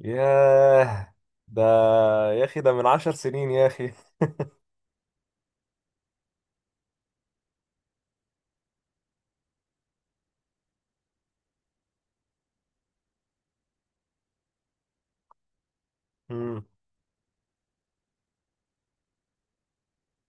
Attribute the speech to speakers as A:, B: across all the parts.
A: ياه، ده يا اخي، ده من عشر سنين يا اخي. مم.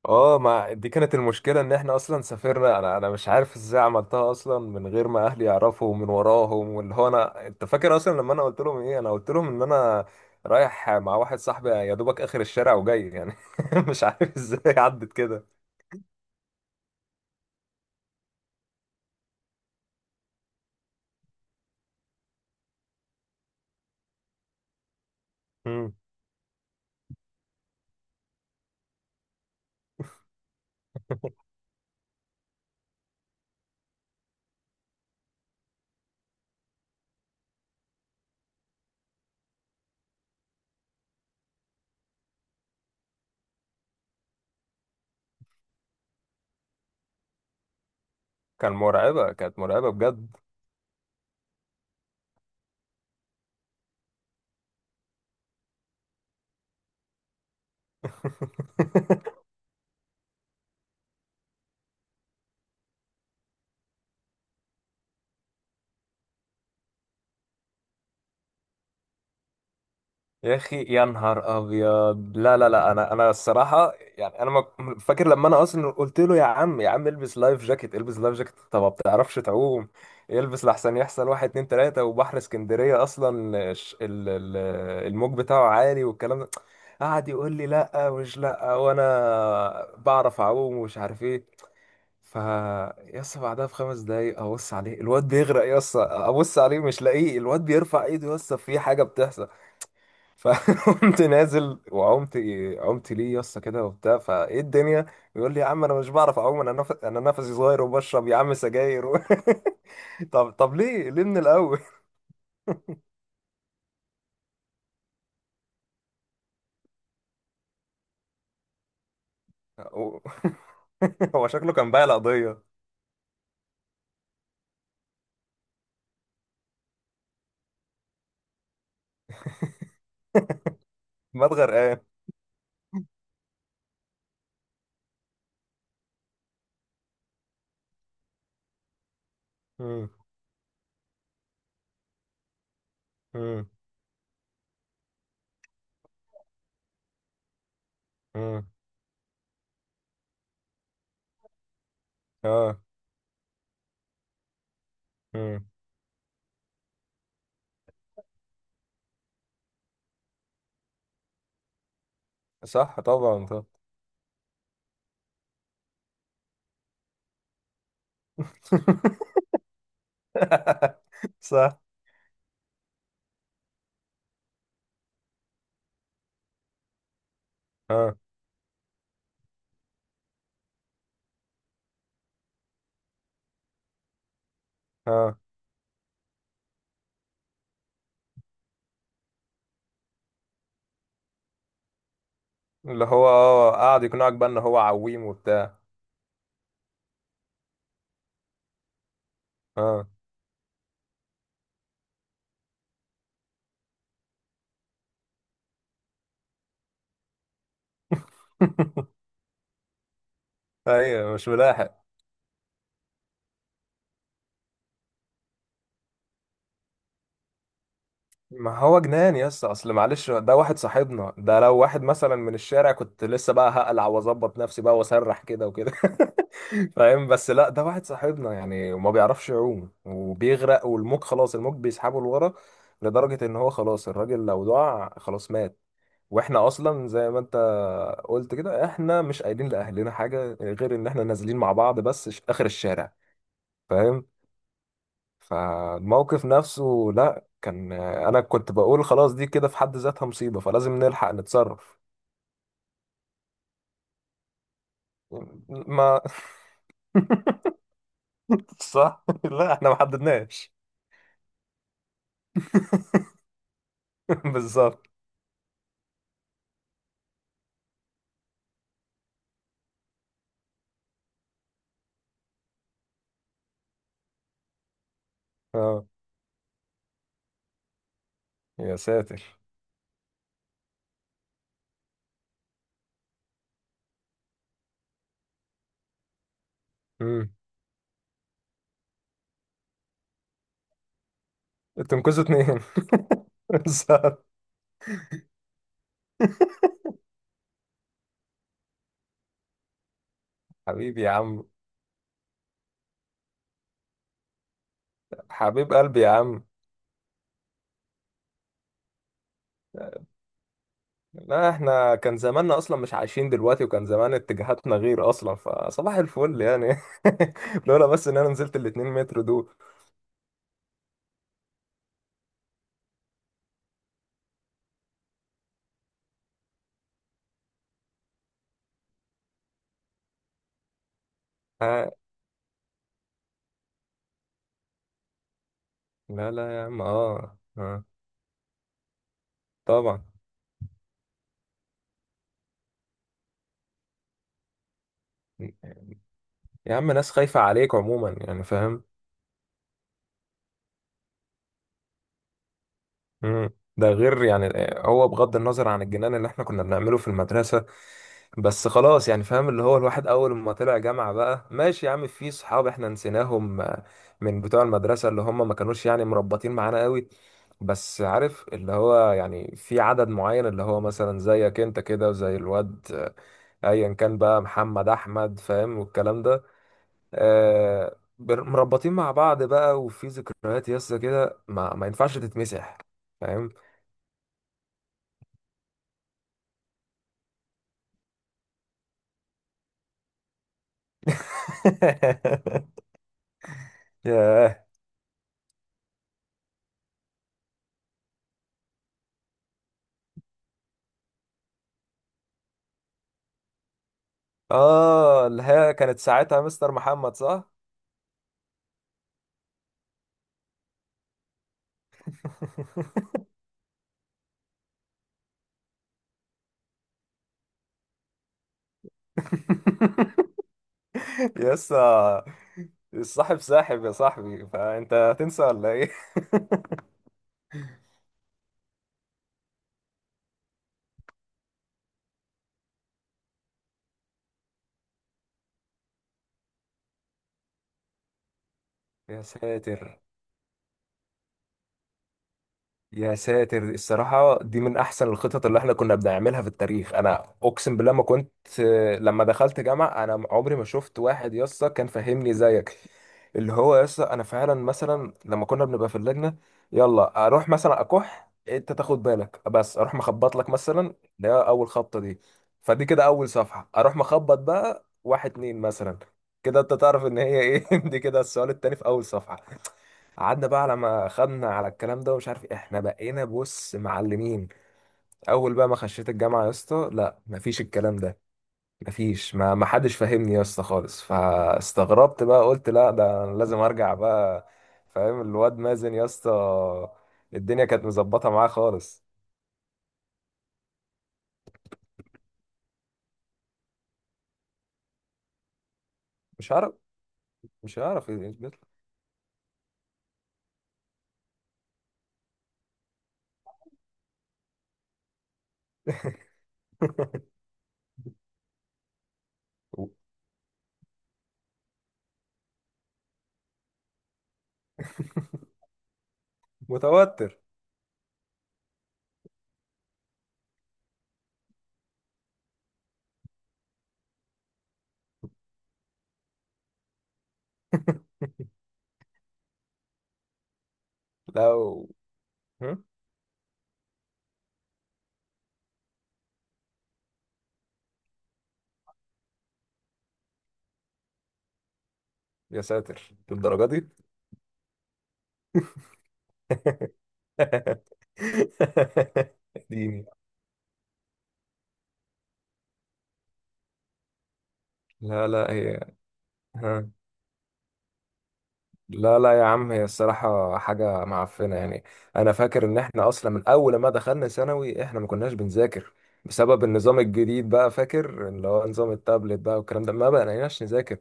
A: اه، ما دي كانت المشكلة ان احنا اصلا سافرنا. انا مش عارف ازاي عملتها اصلا من غير ما اهلي يعرفوا ومن وراهم. واللي هو انا، انت فاكر اصلا لما انا قلت لهم ايه؟ انا قلت لهم ان انا رايح مع واحد صاحبي يا دوبك اخر الشارع وجاي يعني. مش عارف ازاي عدت كده. مم. كانت مرعبة بجد. يا اخي، يا نهار ابيض، لا لا لا، انا الصراحه. يعني انا فاكر لما انا اصلا قلت له: يا عم، يا عم البس لايف جاكيت، البس لايف جاكيت. طب ما بتعرفش تعوم، البس لحسن يحصل واحد اتنين تلاته، وبحر اسكندريه اصلا الموج بتاعه عالي والكلام ده. قعد يقول لي: لا، ومش لا، وانا بعرف اعوم، ومش عارف ايه. ف، يس، بعدها بخمس دقايق ابص عليه الواد بيغرق. يس، ابص عليه مش لاقيه، الواد بيرفع ايده. يس، في حاجه بتحصل. فقمت نازل وعمت. عمت ليه يا اسطى كده وبتاع؟ فايه الدنيا؟ بيقول لي: يا عم انا مش بعرف اعوم، انا نفسي صغير، وبشرب يا عم سجاير و... طب طب، ليه ليه من الاول؟ هو هو شكله كان بايع القضيه. مات غرقان. مم، مم، مم، اه، مم. صح، طبعا طبعا. صح، اه، اه، اللي هو قعد يقنعك بقى ان هو عويم وبتاع. اه. ايوه، مش ملاحق. ما هو جنان يا اسطى، اصل معلش ده واحد صاحبنا، ده لو واحد مثلا من الشارع كنت لسه بقى هقلع واظبط نفسي بقى واسرح كده وكده. فاهم؟ بس لا، ده واحد صاحبنا يعني، وما بيعرفش يعوم وبيغرق، والموج خلاص الموج بيسحبه لورا، لدرجة ان هو خلاص الراجل لو دعا خلاص مات. واحنا اصلا زي ما انت قلت كده، احنا مش قايلين لاهلنا حاجة غير ان احنا نازلين مع بعض بس اخر الشارع. فاهم؟ فالموقف نفسه لا، كان انا كنت بقول خلاص دي كده في حد ذاتها مصيبة، فلازم نلحق نتصرف. ما. صح، لا احنا ما حددناش. بالظبط. اه. يا ساتر. امم، تنقذوا اتنين. بالظبط. حبيبي يا عم. حبيب قلبي يا عم. لا، احنا كان زماننا اصلا مش عايشين دلوقتي، وكان زمان اتجاهاتنا غير اصلا. فصباح الفل يعني. لولا بس ان انا نزلت الاتنين متر دول. آه. لا لا يا عم، اه، اه. طبعا. يا عم ناس خايفة عليك عموما يعني، فاهم؟ مم. ده غير يعني، هو بغض النظر عن الجنان اللي احنا كنا بنعمله في المدرسة، بس خلاص يعني، فاهم؟ اللي هو الواحد اول ما طلع جامعة بقى ماشي يا عم، في صحاب احنا نسيناهم، آه، من بتوع المدرسة اللي هم ما كانوش يعني مربطين معانا قوي. بس عارف اللي هو يعني في عدد معين، اللي هو مثلا زيك انت كده، وزي الواد، آه، ايا كان بقى، محمد، احمد، فاهم؟ والكلام ده، آه، مربطين مع بعض بقى، وفي ذكريات يسا كده ما ينفعش تتمسح. فاهم؟ ياه، اه، اللي هي كانت ساعتها مستر محمد، صح؟ يسا الصاحب ساحب يا صاحبي، فانت هتنسى ولا ايه؟ يا ساتر، يا ساتر، الصراحة دي من أحسن الخطط اللي احنا كنا بنعملها في التاريخ. أنا أقسم بالله ما كنت لما دخلت جامعة أنا عمري ما شفت واحد يسطا كان فاهمني زيك. اللي هو يسطا أنا فعلا مثلا لما كنا بنبقى في اللجنة يلا أروح مثلا أكح، أنت تاخد بالك بس، أروح مخبط لك مثلا، ده أول خبطة دي، فدي كده أول صفحة. أروح مخبط بقى واحد اتنين مثلا، كده أنت تعرف إن هي إيه. دي كده السؤال التاني في أول صفحة. قعدنا بقى على ما خدنا على الكلام ده، ومش عارف إيه. احنا بقينا بص معلمين. اول بقى ما خشيت الجامعه يا اسطى، لا، مفيش الكلام ده. مفيش، ما حدش فاهمني يا اسطى خالص. فاستغربت بقى، قلت: لا، ده أنا لازم ارجع بقى. فاهم الواد مازن يا اسطى؟ الدنيا كانت مظبطه معاه خالص. مش عارف مش عارف يثبت لي. متوتر. لو. هم؟ يا ساتر للدرجه دي. اديني. لا لا هي. ها. لا لا يا عم، هي الصراحة حاجة معفنة يعني. أنا فاكر إن إحنا أصلا من أول ما دخلنا ثانوي إحنا ما كناش بنذاكر، بسبب النظام الجديد بقى. فاكر اللي هو نظام التابلت بقى والكلام ده، ما بقيناش نذاكر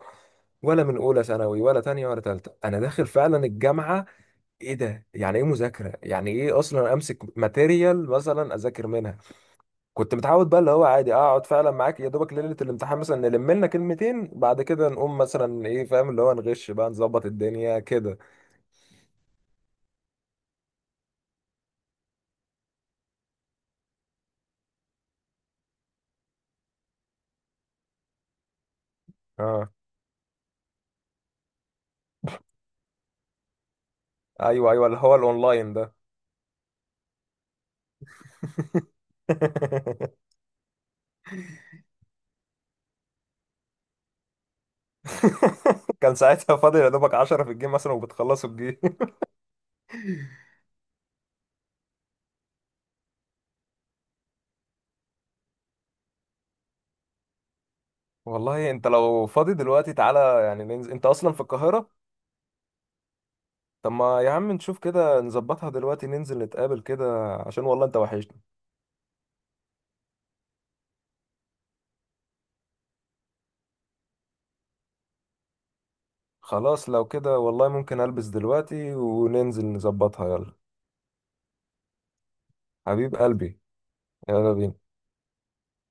A: ولا من أولى ثانوي، ولا تانية، ولا تالتة. أنا داخل فعلا الجامعة، إيه ده؟ يعني إيه مذاكرة؟ يعني إيه أصلا أمسك ماتيريال مثلا أذاكر منها؟ كنت متعود بقى اللي هو عادي اقعد فعلا معاك يا دوبك ليله الامتحان مثلا، نلم لنا كلمتين، بعد كده نقوم مثلا ايه، فاهم؟ اللي هو نغش بقى، نظبط الدنيا كده. اه، ايوه ايوه، اللي هو الاونلاين ده. كان ساعتها فاضل يا دوبك 10 في الجيم مثلا وبتخلصوا الجيم. والله انت لو فاضي دلوقتي تعالى، يعني ننزل. انت اصلا في القاهره؟ طب ما يا عم نشوف كده نظبطها دلوقتي، ننزل نتقابل كده، عشان والله انت وحشني. خلاص، لو كده والله ممكن البس دلوقتي وننزل نظبطها. يلا حبيب قلبي، يلا بينا.